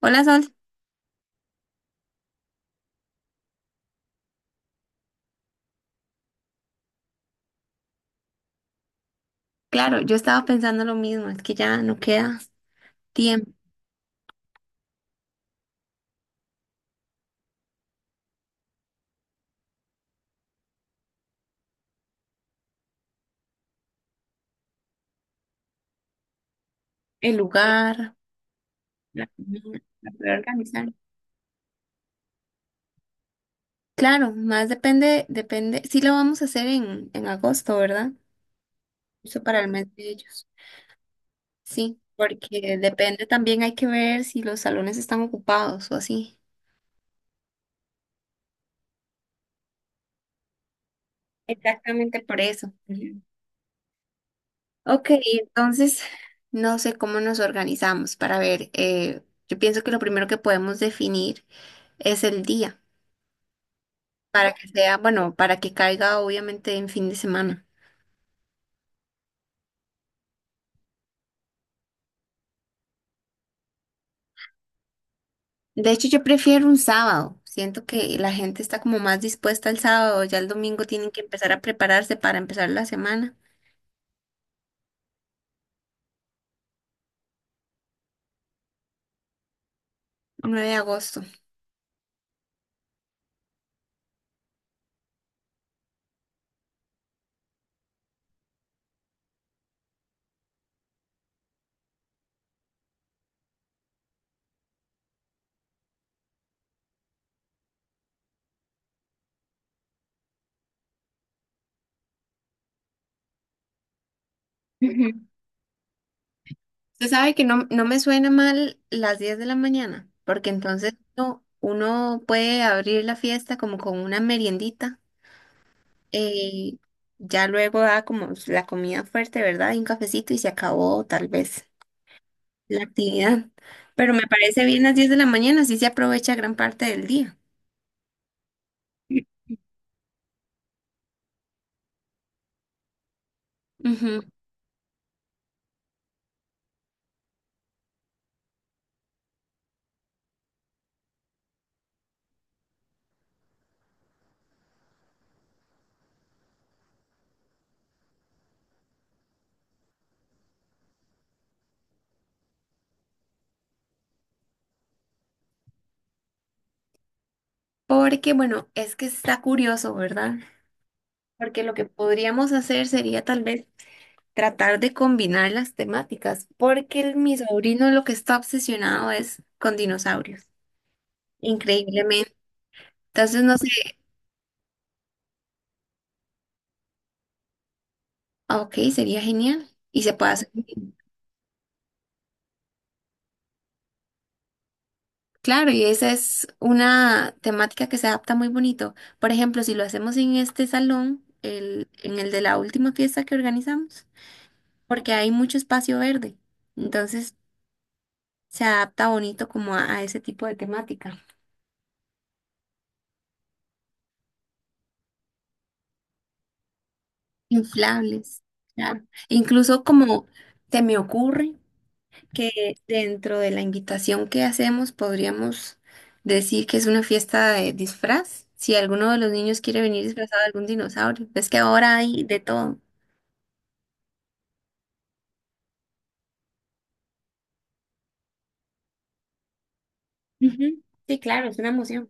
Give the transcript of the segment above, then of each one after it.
Hola Sol, claro, yo estaba pensando lo mismo, es que ya no queda tiempo, el lugar, la comida, para poder organizar. Claro, más depende, sí lo vamos a hacer en agosto, ¿verdad? Eso para el mes de ellos. Sí, porque depende también, hay que ver si los salones están ocupados o así. Exactamente por eso. Ujú. Ok, entonces no sé cómo nos organizamos para ver, yo pienso que lo primero que podemos definir es el día, para que sea, bueno, para que caiga obviamente en fin de semana. De hecho, yo prefiero un sábado. Siento que la gente está como más dispuesta el sábado, ya el domingo tienen que empezar a prepararse para empezar la semana. 9 de agosto. Ujú. Usted sabe que no, no me suena mal las 10 de la mañana, porque entonces uno puede abrir la fiesta como con una meriendita, eh, ya luego da como la comida fuerte, ¿verdad? Y un cafecito y se acabó tal vez la actividad. Pero me parece bien las 10 de la mañana, así se aprovecha gran parte del día. Ujú. Porque, bueno, es que está curioso, ¿verdad? Porque lo que podríamos hacer sería tal vez tratar de combinar las temáticas, porque mi sobrino lo que está obsesionado es con dinosaurios, increíblemente. Entonces, no sé, ok, sería genial y se puede hacer. Claro, y esa es una temática que se adapta muy bonito. Por ejemplo, si lo hacemos en este salón, en el de la última fiesta que organizamos, porque hay mucho espacio verde, entonces se adapta bonito como a ese tipo de temática. Inflables, claro. Incluso, como se me ocurre que dentro de la invitación que hacemos podríamos decir que es una fiesta de disfraz. Si alguno de los niños quiere venir disfrazado de algún dinosaurio, es que ahora hay de todo. Ujú. Sí, claro, es una emoción.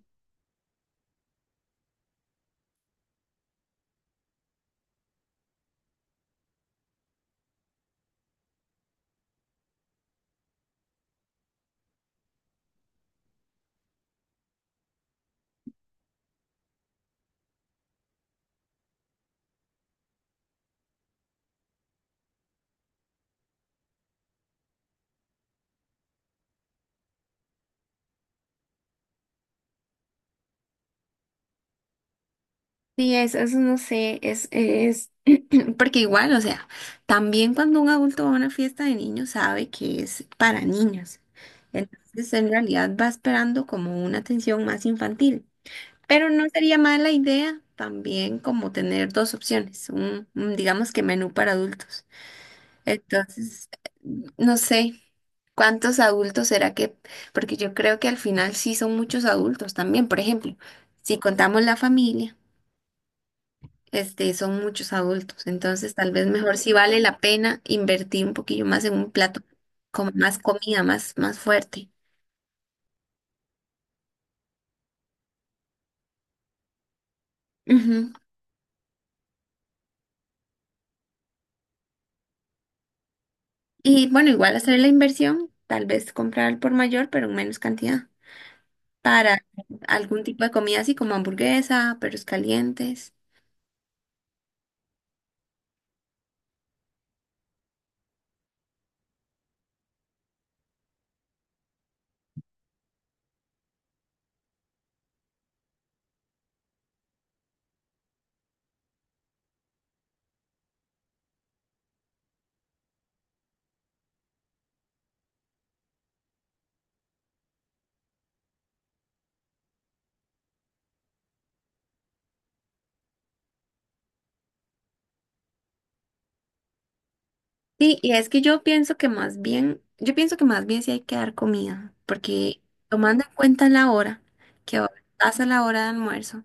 Sí, eso no sé, porque igual, o sea, también cuando un adulto va a una fiesta de niños sabe que es para niños. Entonces, en realidad va esperando como una atención más infantil. Pero no sería mala idea también como tener dos opciones, digamos, que menú para adultos. Entonces, no sé cuántos adultos será que, porque yo creo que al final sí son muchos adultos también. Por ejemplo, si contamos la familia, este, son muchos adultos. Entonces, tal vez mejor si vale la pena invertir un poquillo más en un plato con más comida, más fuerte. Ujú. Y bueno, igual hacer la inversión, tal vez comprar al por mayor, pero en menos cantidad, para algún tipo de comida así como hamburguesa, perros calientes. Sí, y es que yo pienso que más bien sí hay que dar comida, porque tomando en cuenta la hora, que ahora pasa la hora de almuerzo,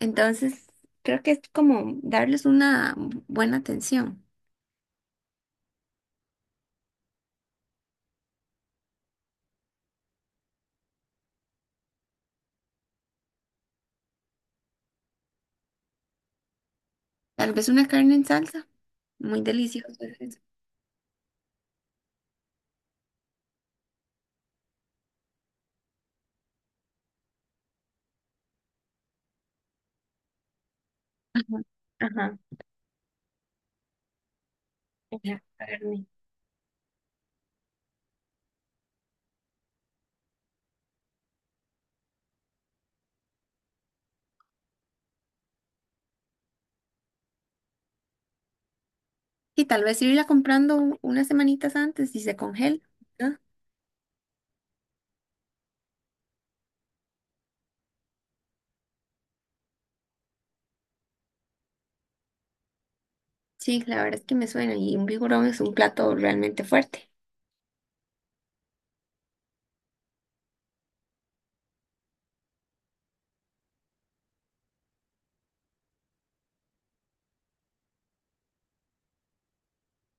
entonces creo que es como darles una buena atención. Tal vez una carne en salsa, muy deliciosa. Es. Ajá, ajá, la carne. Y tal vez irla comprando unas semanitas antes y se congela, ¿no? Sí, la verdad es que me suena, y un vigorón es un plato realmente fuerte.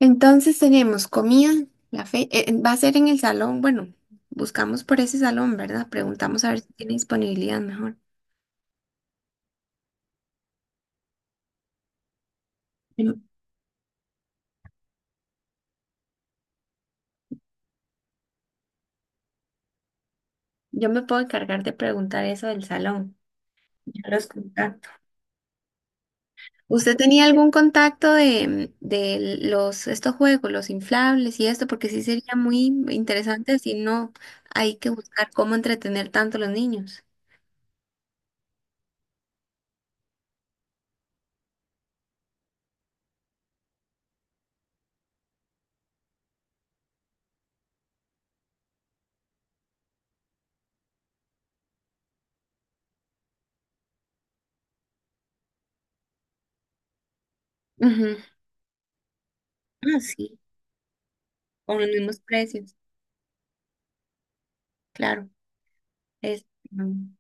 Entonces tenemos comida, la fe, va a ser en el salón, bueno, buscamos por ese salón, ¿verdad? Preguntamos a ver si tiene disponibilidad mejor. Yo yo me puedo encargar de preguntar eso del salón, yo los contacto. ¿Usted tenía algún contacto de los, estos juegos, los inflables y esto? Porque sí sería muy interesante si no hay que buscar cómo entretener tanto a los niños. Ujú. Ah, sí, con los mismos precios, claro. Es, mm,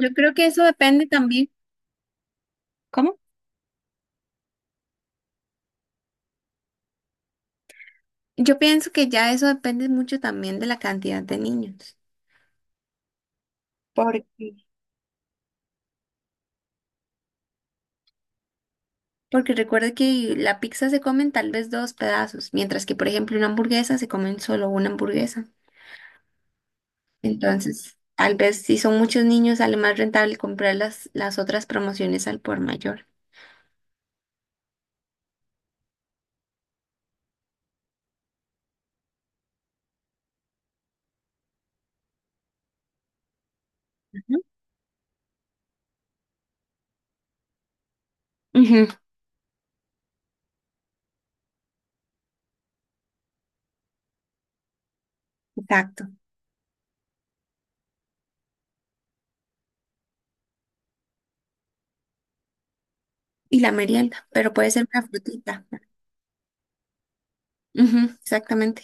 yo creo que eso depende también. ¿Cómo? Yo pienso que ya eso depende mucho también de la cantidad de niños. Porque Porque recuerda que la pizza se comen tal vez dos pedazos, mientras que, por ejemplo, una hamburguesa se comen solo una hamburguesa. Entonces, tal vez si son muchos niños, sale más rentable comprar las otras promociones al por mayor. Ujú, ujú, exacto. Y la merienda, pero puede ser una frutita. Ujú, exactamente.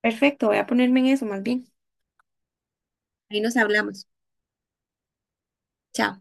Perfecto, voy a ponerme en eso más bien. Ahí nos hablamos. Chao.